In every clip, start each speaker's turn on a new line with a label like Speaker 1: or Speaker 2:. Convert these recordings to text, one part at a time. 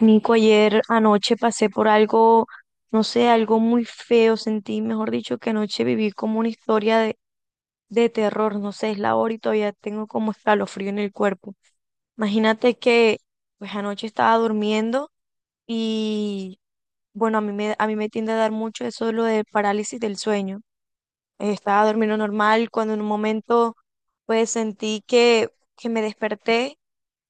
Speaker 1: Nico, ayer anoche pasé por algo, no sé, algo muy feo, sentí, mejor dicho, que anoche viví como una historia de terror, no sé, es la hora y todavía tengo como escalofrío en el cuerpo. Imagínate que, pues anoche estaba durmiendo y, bueno, a mí me tiende a dar mucho eso de lo de parálisis del sueño. Estaba durmiendo normal cuando en un momento, pues sentí que me desperté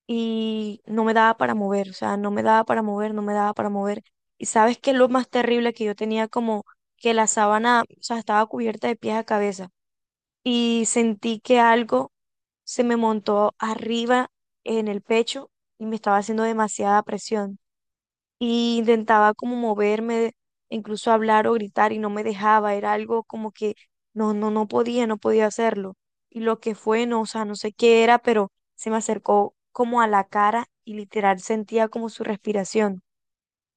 Speaker 1: y no me daba para mover, o sea, no me daba para mover, no me daba para mover. Y sabes qué es lo más terrible, que yo tenía como que la sábana, o sea, estaba cubierta de pies a cabeza y sentí que algo se me montó arriba en el pecho y me estaba haciendo demasiada presión y intentaba como moverme, incluso hablar o gritar y no me dejaba, era algo como que no, no, no podía, no podía hacerlo. Y lo que fue, no, o sea, no sé qué era, pero se me acercó como a la cara y literal sentía como su respiración.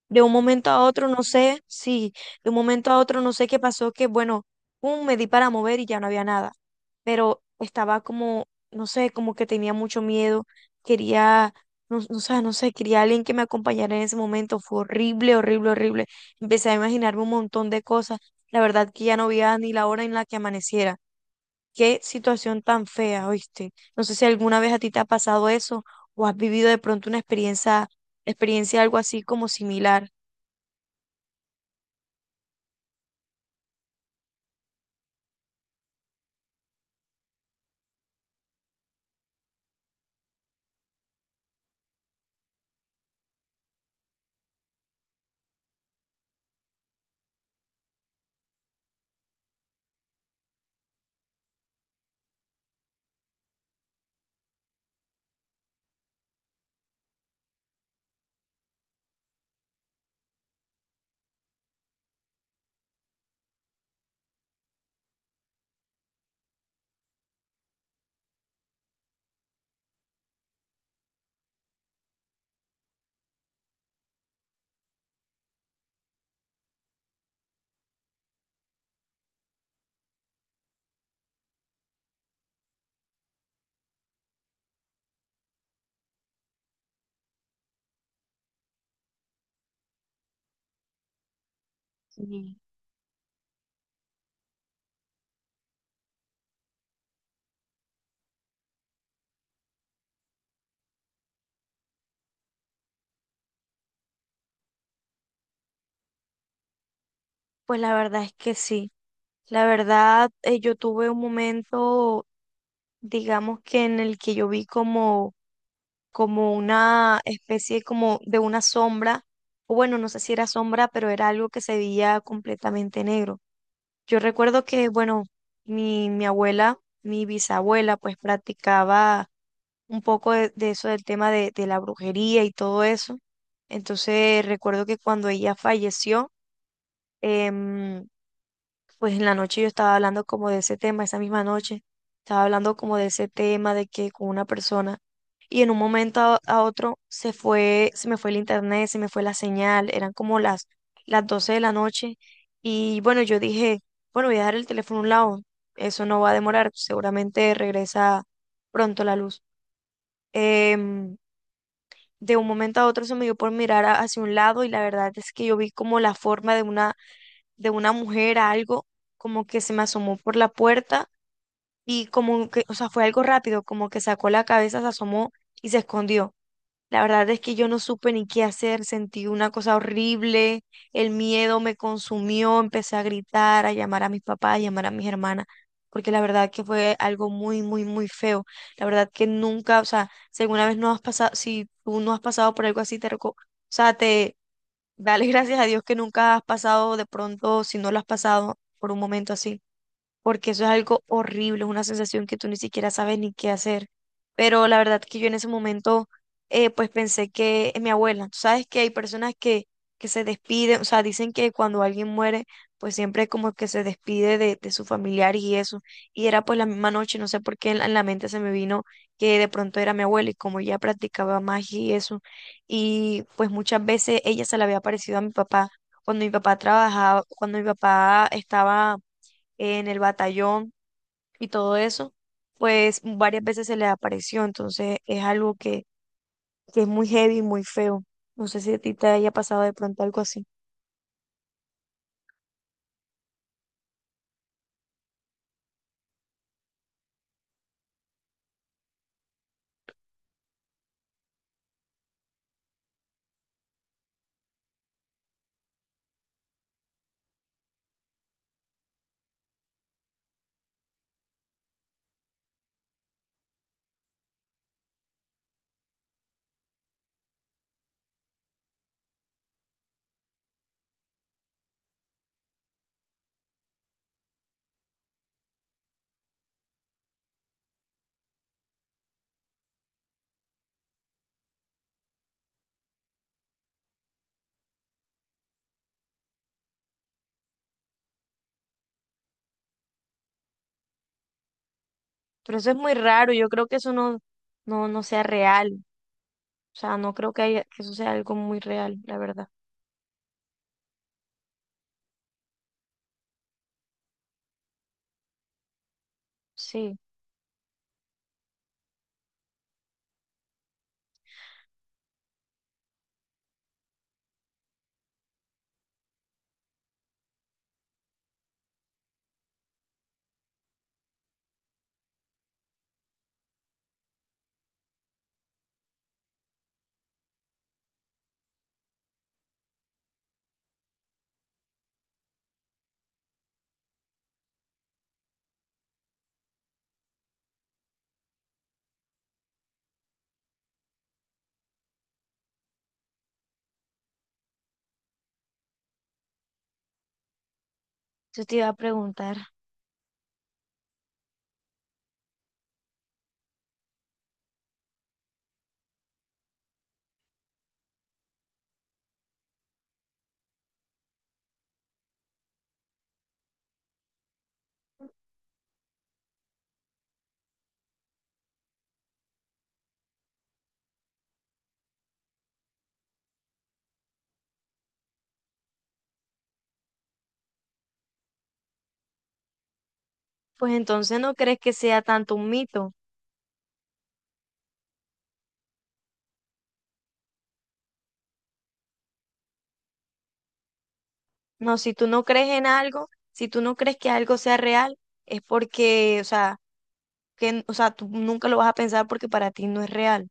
Speaker 1: De un momento a otro, no sé, sí, de un momento a otro, no sé qué pasó, que bueno, pum, me di para mover y ya no había nada. Pero estaba como, no sé, como que tenía mucho miedo, quería, no, no, sé, no sé, quería alguien que me acompañara en ese momento. Fue horrible, horrible, horrible. Empecé a imaginarme un montón de cosas. La verdad que ya no veía ni la hora en la que amaneciera. Qué situación tan fea, ¿oíste? No sé si alguna vez a ti te ha pasado eso o has vivido de pronto una experiencia algo así como similar. Pues la verdad es que sí. La verdad, yo tuve un momento, digamos, que en el que yo vi como, como una especie como de una sombra, o bueno, no sé si era sombra, pero era algo que se veía completamente negro. Yo recuerdo que, bueno, mi abuela, mi bisabuela, pues practicaba un poco de eso del tema de la brujería y todo eso. Entonces recuerdo que cuando ella falleció, em, pues en la noche yo estaba hablando como de ese tema, esa misma noche, estaba hablando como de ese tema de que con una persona y en un momento a otro se fue, se me fue el internet, se me fue la señal, eran como las 12 de la noche y bueno, yo dije, bueno, voy a dejar el teléfono a un lado, eso no va a demorar, seguramente regresa pronto la luz. Em, de un momento a otro se me dio por mirar hacia un lado y la verdad es que yo vi como la forma de una, de una mujer a algo, como que se me asomó por la puerta y como que, o sea, fue algo rápido, como que sacó la cabeza, se asomó y se escondió. La verdad es que yo no supe ni qué hacer, sentí una cosa horrible, el miedo me consumió, empecé a gritar, a llamar a mis papás, a llamar a mis hermanas, porque la verdad que fue algo muy, muy, muy feo. La verdad que nunca, o sea, si alguna vez no has pasado, si tú no has pasado por algo así, te, sea, te, Dale gracias a Dios que nunca has pasado de pronto, si no lo has pasado, por un momento así, porque eso es algo horrible, es una sensación que tú ni siquiera sabes ni qué hacer. Pero la verdad que yo en ese momento, pues pensé que mi abuela, tú sabes que hay personas que se despiden, o sea, dicen que cuando alguien muere, pues siempre como que se despide de su familiar y eso. Y era pues la misma noche, no sé por qué en la mente se me vino que de pronto era mi abuela y como ella practicaba magia y eso, y pues muchas veces ella se le había parecido a mi papá. Cuando mi papá trabajaba, cuando mi papá estaba en el batallón y todo eso, pues varias veces se les apareció, entonces es algo que es muy heavy, y muy feo. No sé si a ti te haya pasado de pronto algo así, pero eso es muy raro, yo creo que eso no, no, no sea real, o sea, no creo que, que eso sea algo muy real, la verdad. Sí, yo te iba a preguntar, pues entonces, ¿no crees que sea tanto un mito? No, si tú no crees en algo, si tú no crees que algo sea real, es porque, o sea, que, o sea, tú nunca lo vas a pensar porque para ti no es real.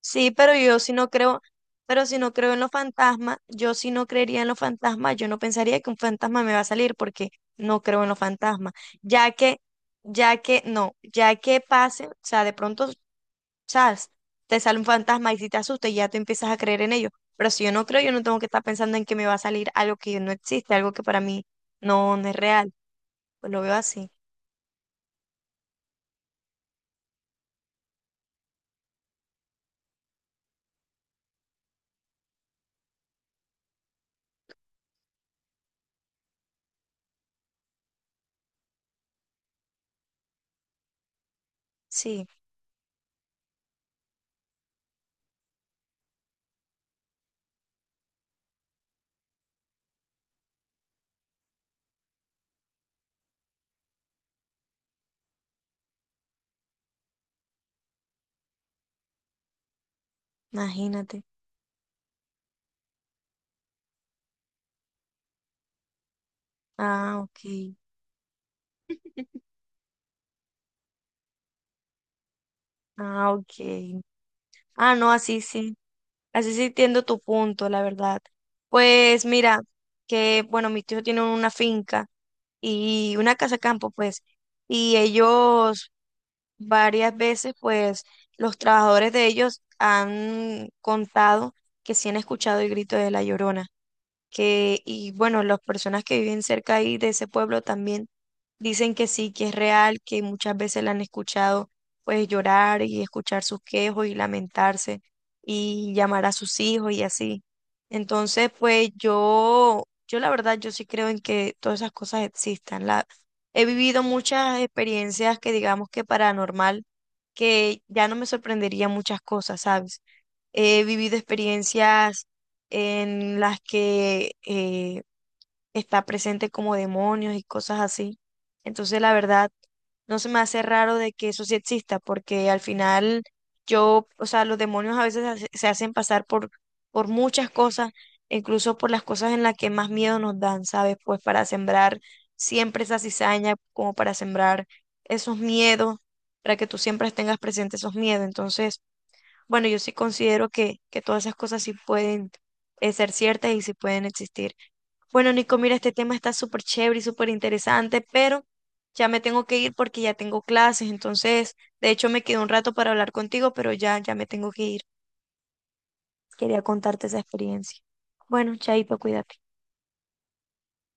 Speaker 1: Sí, pero yo si no creo, pero si no creo en los fantasmas, yo si no creería en los fantasmas, yo no pensaría que un fantasma me va a salir porque no creo en los fantasmas, ya que, ya que, no, ya que pase, o sea, de pronto, sabes, te sale un fantasma y si te asustas ya tú empiezas a creer en ello, pero si yo no creo, yo no tengo que estar pensando en que me va a salir algo que no existe, algo que para mí no, no es real, pues lo veo así, sí, imagínate, ah, ok, ah, ok, ah, no, así sí. Así sí entiendo tu punto, la verdad. Pues mira, que bueno, mi tío tiene una finca y una casa campo, pues, y ellos varias veces, pues, los trabajadores de ellos han contado que sí han escuchado el grito de la Llorona, que, y bueno, las personas que viven cerca ahí de ese pueblo también dicen que sí, que es real, que muchas veces la han escuchado pues llorar y escuchar sus quejos y lamentarse y llamar a sus hijos y así. Entonces, pues yo la verdad, yo sí creo en que todas esas cosas existan. La, he vivido muchas experiencias que digamos que paranormal, que ya no me sorprendería muchas cosas, ¿sabes? He vivido experiencias en las que está presente como demonios y cosas así. Entonces, la verdad, no se me hace raro de que eso sí exista, porque al final yo, o sea, los demonios a veces se hacen pasar por muchas cosas, incluso por las cosas en las que más miedo nos dan, ¿sabes? Pues para sembrar siempre esa cizaña, como para sembrar esos miedos, para que tú siempre tengas presente esos miedos. Entonces... Bueno, yo sí considero que todas esas cosas sí pueden ser ciertas y sí pueden existir. Bueno, Nico, mira, este tema está súper chévere y súper interesante, pero ya me tengo que ir porque ya tengo clases, entonces, de hecho, me quedó un rato para hablar contigo, pero ya, ya me tengo que ir. Quería contarte esa experiencia. Bueno, chaito, cuídate.